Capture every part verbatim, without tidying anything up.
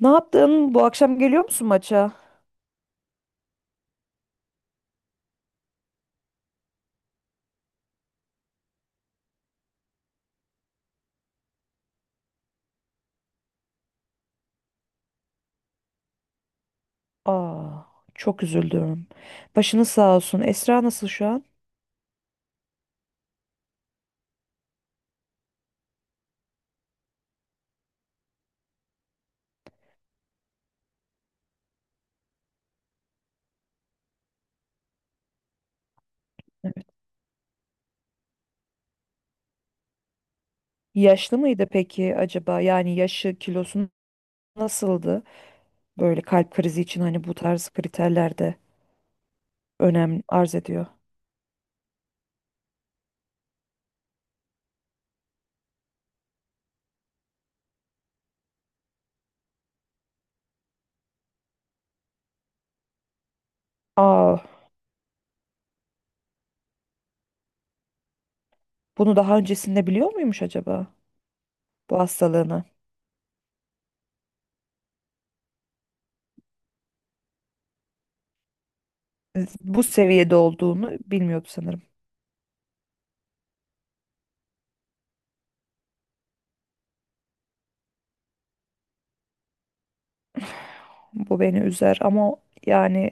Ne yaptın? Bu akşam geliyor musun maça? Aa, çok üzüldüm. Başını sağ olsun. Esra nasıl şu an? Evet. Yaşlı mıydı peki acaba? Yani yaşı, kilosu nasıldı? Böyle kalp krizi için hani bu tarz kriterlerde önem arz ediyor. Aa, bunu daha öncesinde biliyor muymuş acaba? Bu hastalığını. Bu seviyede olduğunu bilmiyordu sanırım. Bu beni üzer ama yani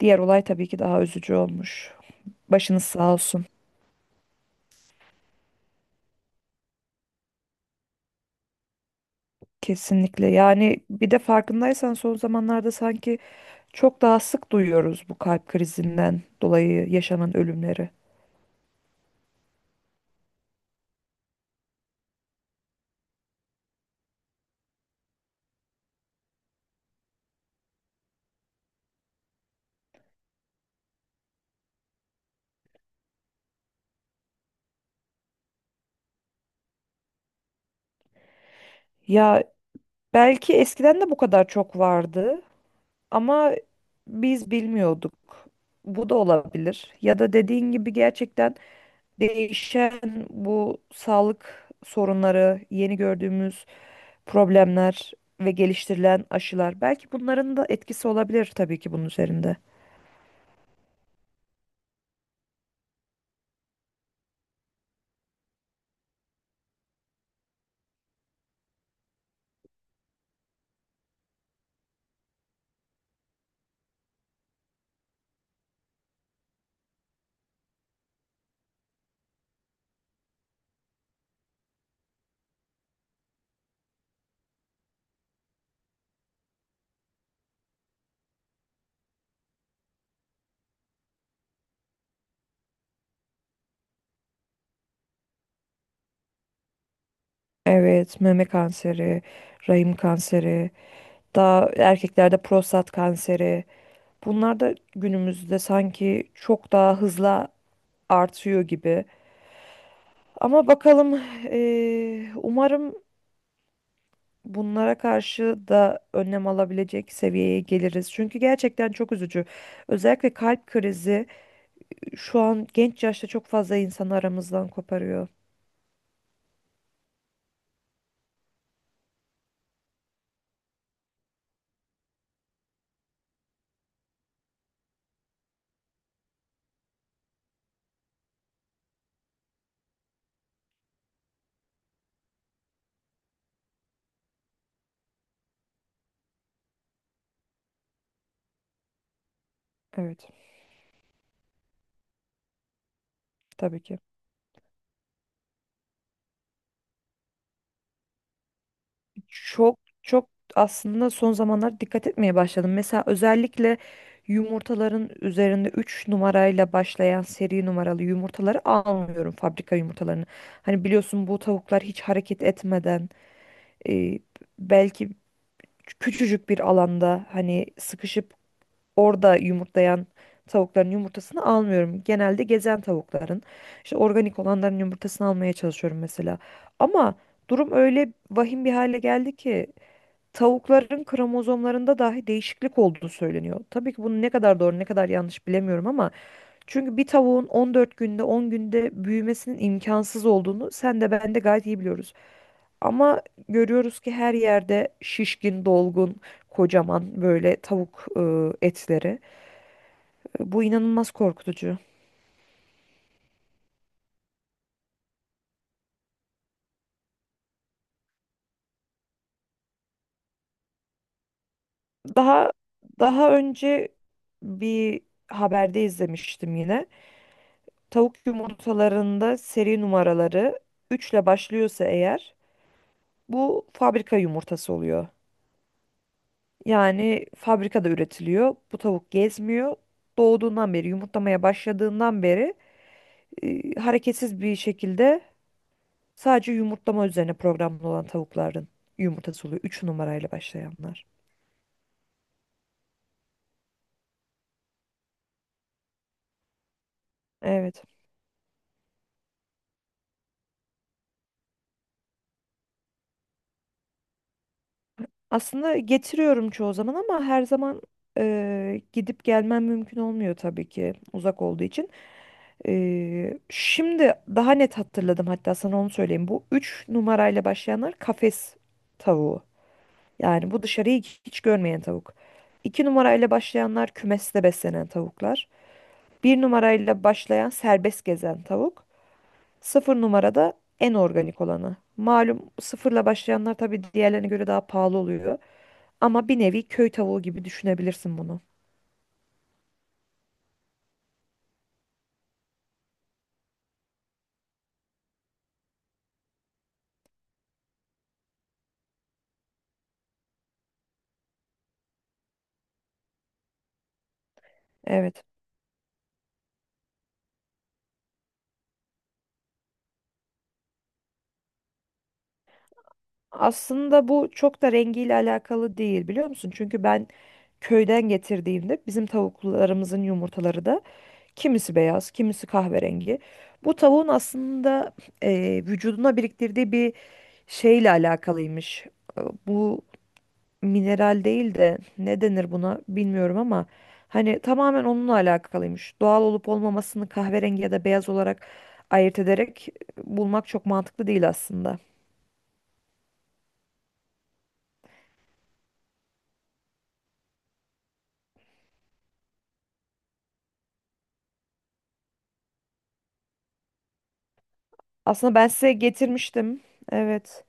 diğer olay tabii ki daha üzücü olmuş. Başınız sağ olsun. Kesinlikle. Yani bir de farkındaysan son zamanlarda sanki çok daha sık duyuyoruz bu kalp krizinden dolayı yaşanan ölümleri. Ya belki eskiden de bu kadar çok vardı ama biz bilmiyorduk. Bu da olabilir. Ya da dediğin gibi gerçekten değişen bu sağlık sorunları, yeni gördüğümüz problemler ve geliştirilen aşılar belki bunların da etkisi olabilir tabii ki bunun üzerinde. Evet, meme kanseri, rahim kanseri, daha erkeklerde prostat kanseri. Bunlar da günümüzde sanki çok daha hızla artıyor gibi. Ama bakalım, eee, umarım bunlara karşı da önlem alabilecek seviyeye geliriz. Çünkü gerçekten çok üzücü. Özellikle kalp krizi şu an genç yaşta çok fazla insanı aramızdan koparıyor. Evet, tabii ki. Çok çok aslında son zamanlarda dikkat etmeye başladım. Mesela özellikle yumurtaların üzerinde üç numarayla başlayan seri numaralı yumurtaları almıyorum fabrika yumurtalarını. Hani biliyorsun bu tavuklar hiç hareket etmeden e, belki küçücük bir alanda hani sıkışıp orada yumurtlayan tavukların yumurtasını almıyorum. Genelde gezen tavukların işte organik olanların yumurtasını almaya çalışıyorum mesela. Ama durum öyle vahim bir hale geldi ki tavukların kromozomlarında dahi değişiklik olduğu söyleniyor. Tabii ki bunun ne kadar doğru ne kadar yanlış bilemiyorum ama çünkü bir tavuğun on dört günde on günde büyümesinin imkansız olduğunu sen de ben de gayet iyi biliyoruz. Ama görüyoruz ki her yerde şişkin, dolgun, kocaman böyle tavuk e, etleri. Bu inanılmaz korkutucu. Daha daha önce bir haberde izlemiştim yine. Tavuk yumurtalarında seri numaraları üç ile başlıyorsa eğer bu fabrika yumurtası oluyor. Yani fabrikada üretiliyor. Bu tavuk gezmiyor. Doğduğundan beri, yumurtlamaya başladığından beri e, hareketsiz bir şekilde sadece yumurtlama üzerine programlı olan tavukların yumurtası oluyor. Üç numarayla başlayanlar. Evet. Aslında getiriyorum çoğu zaman ama her zaman e, gidip gelmem mümkün olmuyor tabii ki uzak olduğu için. Ee, şimdi daha net hatırladım hatta sana onu söyleyeyim. Bu üç numarayla başlayanlar kafes tavuğu. Yani bu dışarıyı hiç görmeyen tavuk. iki numarayla başlayanlar kümeste beslenen tavuklar. Bir numarayla başlayan serbest gezen tavuk. sıfır numarada en organik olanı. Malum sıfırla başlayanlar tabii diğerlerine göre daha pahalı oluyor. Ama bir nevi köy tavuğu gibi düşünebilirsin bunu. Evet. Aslında bu çok da rengiyle alakalı değil biliyor musun? Çünkü ben köyden getirdiğimde bizim tavuklarımızın yumurtaları da kimisi beyaz, kimisi kahverengi. Bu tavuğun aslında e, vücuduna biriktirdiği bir şeyle alakalıymış. E, Bu mineral değil de ne denir buna bilmiyorum ama hani tamamen onunla alakalıymış. Doğal olup olmamasını kahverengi ya da beyaz olarak ayırt ederek bulmak çok mantıklı değil aslında. Aslında ben size getirmiştim. Evet.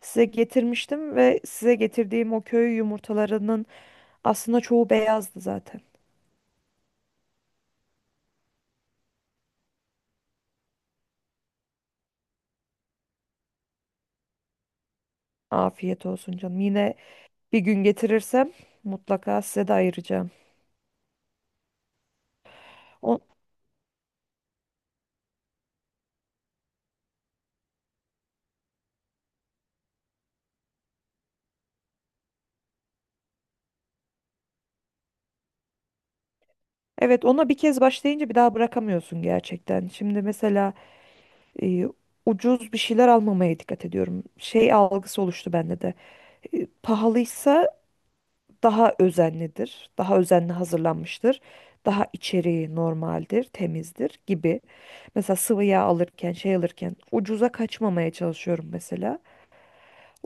Size getirmiştim ve size getirdiğim o köy yumurtalarının aslında çoğu beyazdı zaten. Afiyet olsun canım. Yine bir gün getirirsem mutlaka size de ayıracağım. O, evet, ona bir kez başlayınca bir daha bırakamıyorsun gerçekten. Şimdi mesela e, ucuz bir şeyler almamaya dikkat ediyorum. Şey algısı oluştu bende de. E, pahalıysa daha özenlidir, daha özenli hazırlanmıştır, daha içeriği normaldir, temizdir gibi. Mesela sıvı yağ alırken, şey alırken ucuza kaçmamaya çalışıyorum mesela.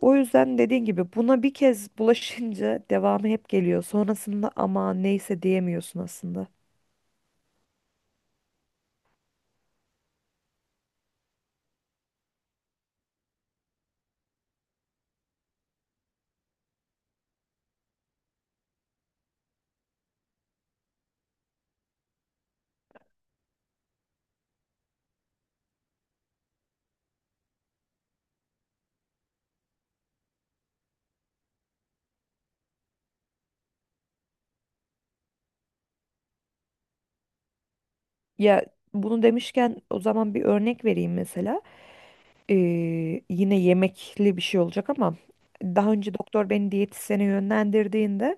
O yüzden dediğin gibi buna bir kez bulaşınca devamı hep geliyor. Sonrasında ama neyse diyemiyorsun aslında. Ya bunu demişken o zaman bir örnek vereyim mesela. Ee, Yine yemekli bir şey olacak ama daha önce doktor beni diyetisyene yönlendirdiğinde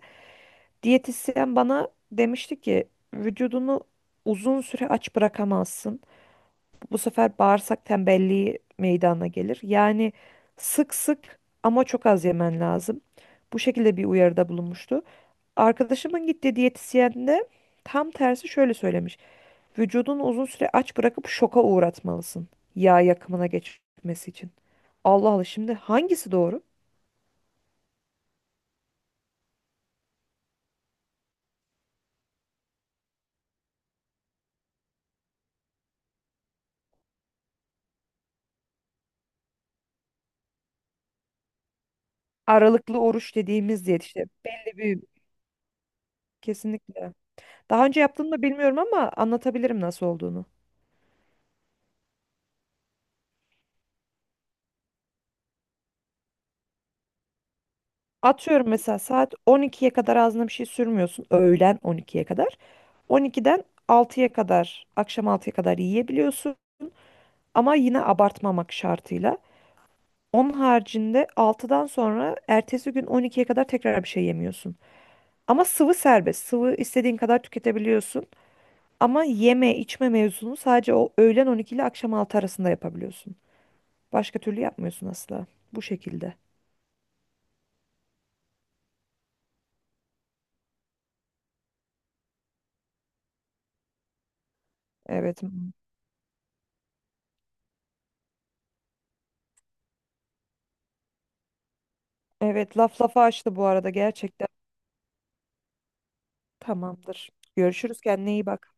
diyetisyen bana demişti ki vücudunu uzun süre aç bırakamazsın. Bu sefer bağırsak tembelliği meydana gelir. Yani sık sık ama çok az yemen lazım. Bu şekilde bir uyarıda bulunmuştu. Arkadaşımın gittiği diyetisyen de tam tersi şöyle söylemiş. Vücudunu uzun süre aç bırakıp şoka uğratmalısın. Yağ yakımına geçmesi için. Allah Allah, şimdi hangisi doğru? Aralıklı oruç dediğimiz diyet işte, belli bir... Kesinlikle. Daha önce yaptığını da bilmiyorum ama anlatabilirim nasıl olduğunu. Atıyorum mesela saat on ikiye kadar ağzına bir şey sürmüyorsun. Öğlen on ikiye kadar. on ikiden altıya kadar, akşam altıya kadar yiyebiliyorsun. Ama yine abartmamak şartıyla. Onun haricinde altıdan sonra ertesi gün on ikiye kadar tekrar bir şey yemiyorsun. Ama sıvı serbest. Sıvı istediğin kadar tüketebiliyorsun. Ama yeme içme mevzunu sadece o öğlen on iki ile akşam altı arasında yapabiliyorsun. Başka türlü yapmıyorsun asla. Bu şekilde. Evet. Evet, laf lafa açtı bu arada gerçekten. Tamamdır. Görüşürüz, kendine iyi bak.